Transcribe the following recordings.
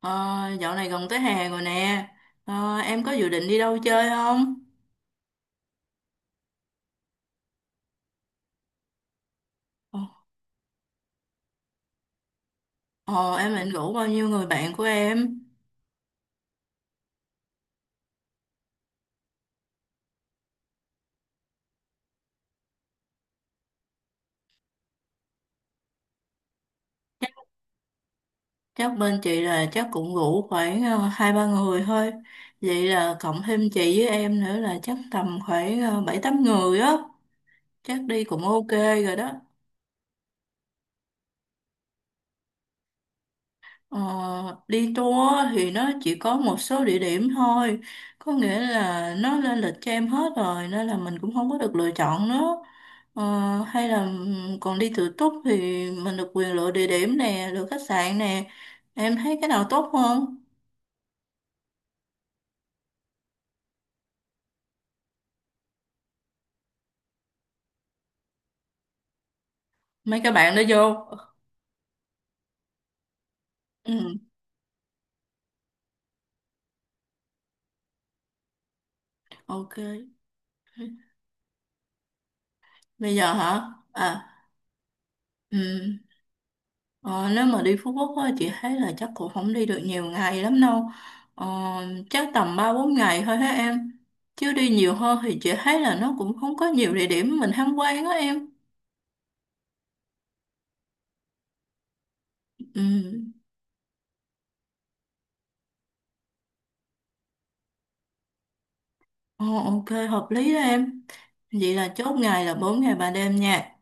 Ờ, Dạo này gần tới hè rồi nè. Em có dự định đi đâu chơi không? Ờ, ờ, em định rủ bao nhiêu người bạn của em? Chắc, chắc bên chị là chắc cũng rủ khoảng hai ba người thôi. Vậy là cộng thêm chị với em nữa là chắc tầm khoảng bảy tám người á. Chắc đi cũng ok rồi đó. Ờ, Đi tour thì nó chỉ có một số địa điểm thôi, có nghĩa là nó lên lịch cho em hết rồi nên là mình cũng không có được lựa chọn nữa. ờ, Hay là còn đi tự túc thì mình được quyền lựa địa điểm nè, lựa khách sạn nè. Em thấy cái nào tốt không? Mấy các bạn đó vô. Ừ, ok. Bây giờ hả? À, ừ. Ờ, Nếu mà đi Phú Quốc á, chị thấy là chắc cũng không đi được nhiều ngày lắm đâu. Ờ, Chắc tầm ba bốn ngày thôi hả em. Chứ đi nhiều hơn thì chị thấy là nó cũng không có nhiều địa điểm mình tham quan á em. Ừ. Ờ, ok, hợp lý đó em. Vậy là chốt ngày là 4 ngày 3 đêm nha.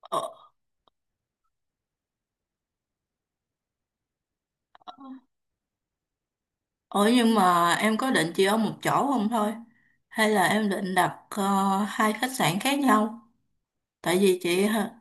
Ờ, ờ, nhưng mà em có định chỉ ở một chỗ không thôi? Hay là em định đặt hai khách sạn khác nhau? Tại vì chị hả?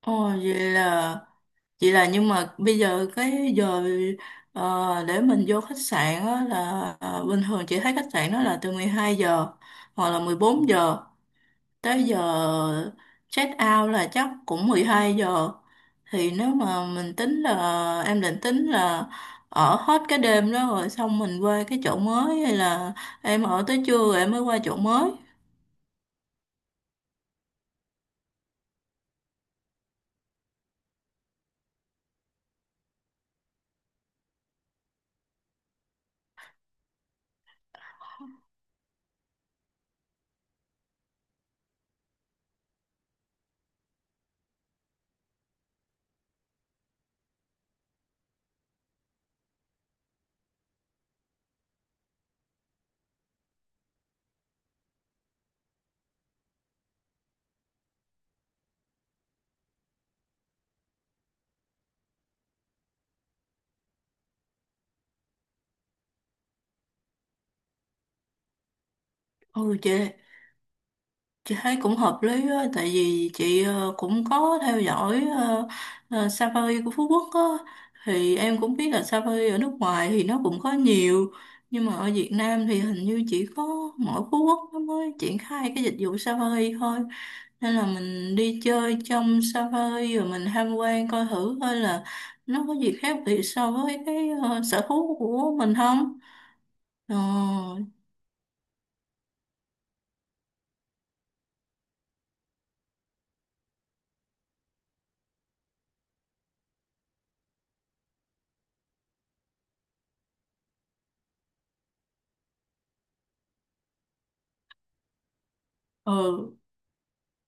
Ồ, Vậy là nhưng mà bây giờ cái giờ để mình vô khách sạn á, là bình thường chị thấy khách sạn đó là từ 12 giờ hoặc là 14 giờ tới giờ check out là chắc cũng 12 giờ. Thì nếu mà mình tính là em định tính là ở hết cái đêm đó rồi xong mình qua cái chỗ mới, hay là em ở tới trưa rồi em mới qua chỗ mới. Ừ chị. Chị thấy cũng hợp lý á, tại vì chị cũng có theo dõi Safari của Phú Quốc á, thì em cũng biết là Safari ở nước ngoài thì nó cũng có nhiều, nhưng mà ở Việt Nam thì hình như chỉ có mỗi Phú Quốc nó mới triển khai cái dịch vụ Safari thôi. Nên là mình đi chơi trong Safari rồi mình tham quan coi thử coi là nó có gì khác biệt so với cái sở thú của mình không. Ờ, ừ.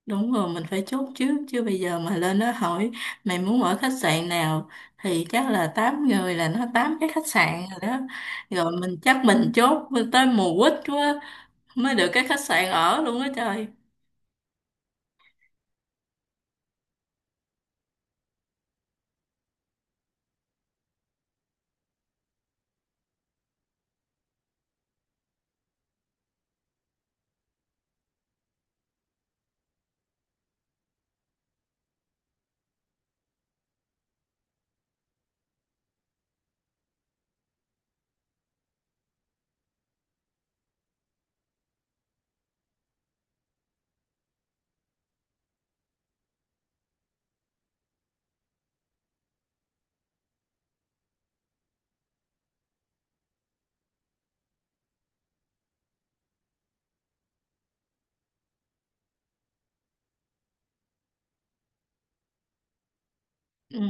Đúng rồi, mình phải chốt trước chứ bây giờ mà lên nó hỏi mày muốn ở khách sạn nào thì chắc là 8 người là nó 8 cái khách sạn rồi đó. Rồi mình chắc mình chốt tới mùa quýt quá mới được cái khách sạn ở luôn á trời. Ừ.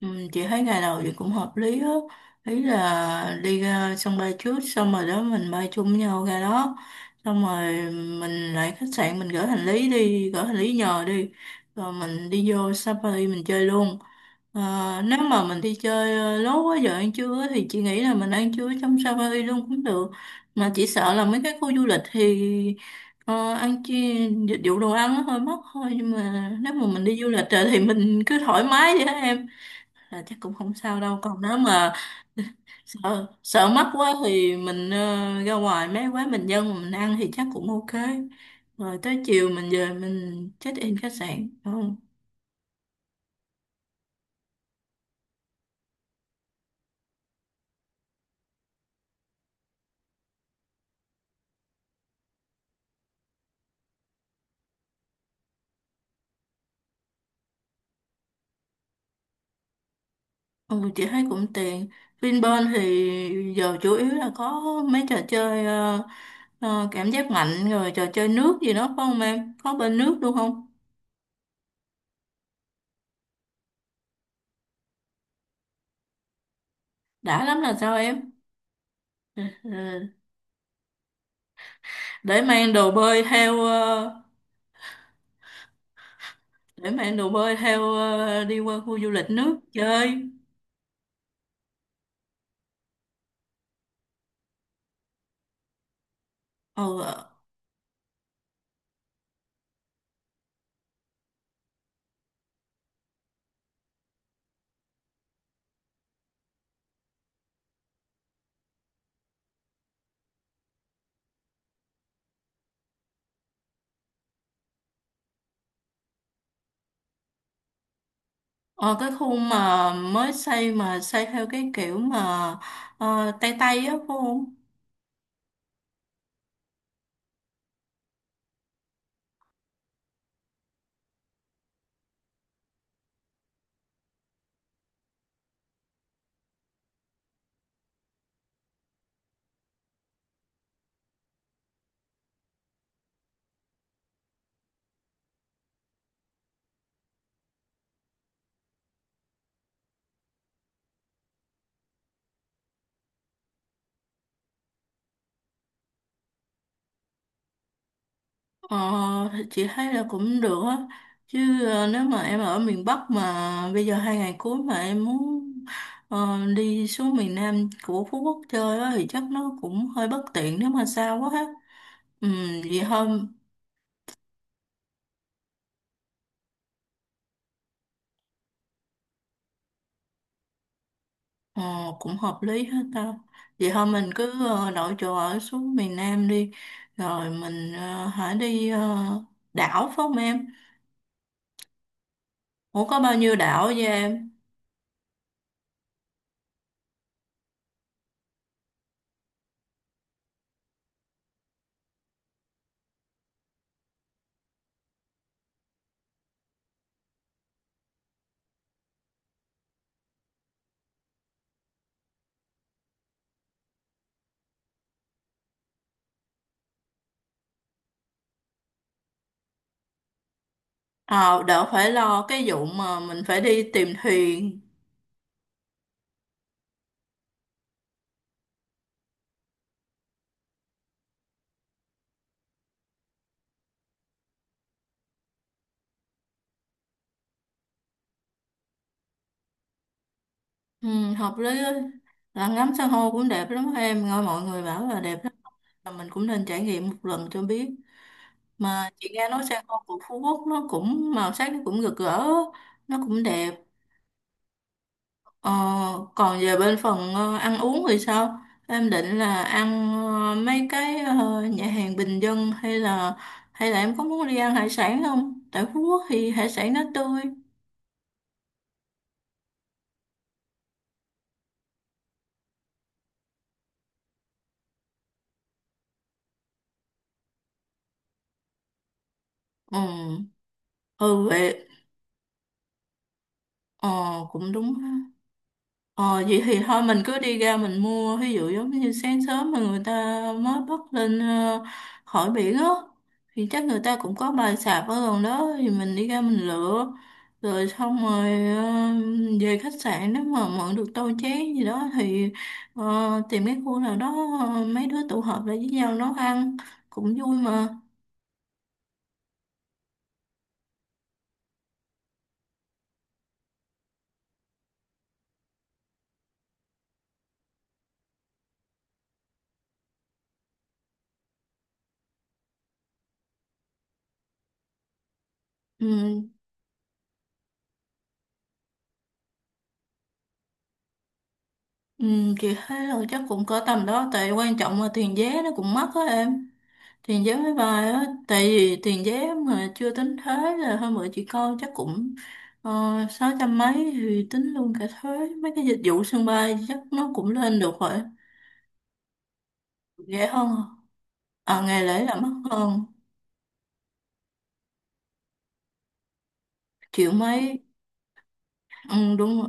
Ừ, chị thấy ngày đầu thì cũng hợp lý á. Ý là đi ra sân bay trước xong rồi đó mình bay chung với nhau ra đó, xong rồi mình lại khách sạn mình gửi hành lý, đi gửi hành lý nhờ đi, rồi mình đi vô Safari mình chơi luôn. Nếu mà mình đi chơi lố quá giờ ăn trưa á, thì chị nghĩ là mình ăn trưa trong Safari luôn cũng được, mà chỉ sợ là mấy cái khu du lịch thì ăn chi dịch vụ đồ ăn nó hơi mắc thôi, nhưng mà nếu mà mình đi du lịch rồi thì mình cứ thoải mái vậy đó em, là chắc cũng không sao đâu. Còn nếu mà sợ sợ mắc quá thì mình ra ngoài mấy quán bình dân mà mình ăn thì chắc cũng ok. Rồi tới chiều mình về mình check in khách sạn đúng không? Ừ, chị thấy cũng tiện. Vinpearl thì giờ chủ yếu là có mấy trò chơi cảm giác mạnh, rồi trò chơi nước gì đó phải không, em có bên nước luôn không? Đã lắm là sao em? Ừ, ừ. để mang đồ bơi theo ờ, để mang đồ bơi theo đi qua khu du lịch nước chơi. ờ ờ cái khu mà mới xây mà xây theo cái kiểu mà Tây Tây á phải không? ờ thì chị thấy là cũng được á. Chứ nếu mà em ở miền Bắc mà bây giờ hai ngày cuối mà em muốn đi xuống miền Nam của Phú Quốc chơi á thì chắc nó cũng hơi bất tiện nếu mà xa quá ha. Ừ, vậy thôi. ờ Cũng hợp lý hết ta. Vậy thôi mình cứ đổi chỗ ở xuống miền Nam đi. Rồi mình hãy đi đảo phải không em? Ủa có bao nhiêu đảo vậy em? Ờ, Đỡ phải lo cái vụ mà mình phải đi tìm thuyền. Ừ, hợp lý á. Là ngắm san hô cũng đẹp lắm em. Nghe mọi người bảo là đẹp lắm. Mà mình cũng nên trải nghiệm một lần cho biết. Mà chị nghe nói san hô của Phú Quốc nó cũng màu sắc, nó cũng rực rỡ. Nó cũng đẹp. Ờ, Còn về bên phần ăn uống thì sao? Em định là ăn mấy cái nhà hàng bình dân, hay là em có muốn đi ăn hải sản không? Tại Phú Quốc thì hải sản nó tươi. Ừ, ừ vậy. Ờ, Cũng đúng ha. Ờ, Vậy thì thôi mình cứ đi ra mình mua, ví dụ giống như sáng sớm mà người ta mới bắt lên khỏi biển á, thì chắc người ta cũng có bài sạp ở gần đó, thì mình đi ra mình lựa rồi xong rồi về khách sạn, nếu mà mượn được tô chén gì đó thì tìm cái khu nào đó mấy đứa tụ họp lại với nhau nấu ăn cũng vui mà. Ừ, ừ, chị thấy là chắc cũng cỡ tầm đó, tại quan trọng là tiền vé nó cũng mắc á em. Tiền giáo với bài á, tại vì tiền giáo mà chưa tính thuế là hơn bữa chị coi chắc cũng ờ, 600 mấy. Thì tính luôn cả thuế mấy cái dịch vụ sân bay chắc nó cũng lên được rồi. Rẻ hơn à? À, ngày lễ là mắc hơn triệu mấy. Ừ, đúng rồi,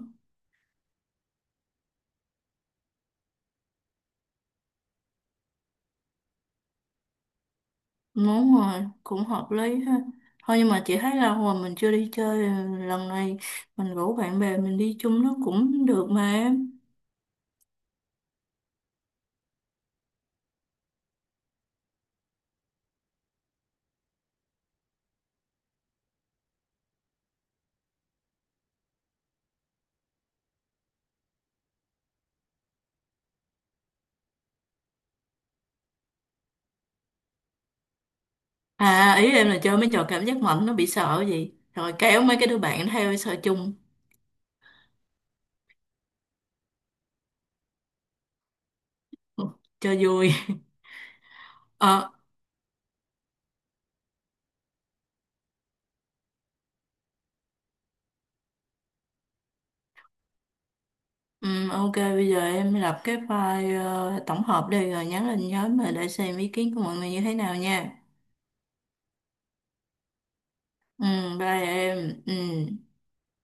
đúng rồi, cũng hợp lý ha. Thôi nhưng mà chị thấy lâu rồi mình chưa đi chơi, lần này mình rủ bạn bè mình đi chung nó cũng được mà em. À, ý em là chơi mấy trò cảm giác mạnh nó bị sợ gì rồi kéo mấy cái đứa bạn theo sợ chung cho vui. ờ ok, bây giờ em lập cái file tổng hợp đi rồi nhắn lên nhóm mà để xem ý kiến của mọi người như thế nào nha. Ừ, bye em, ừ.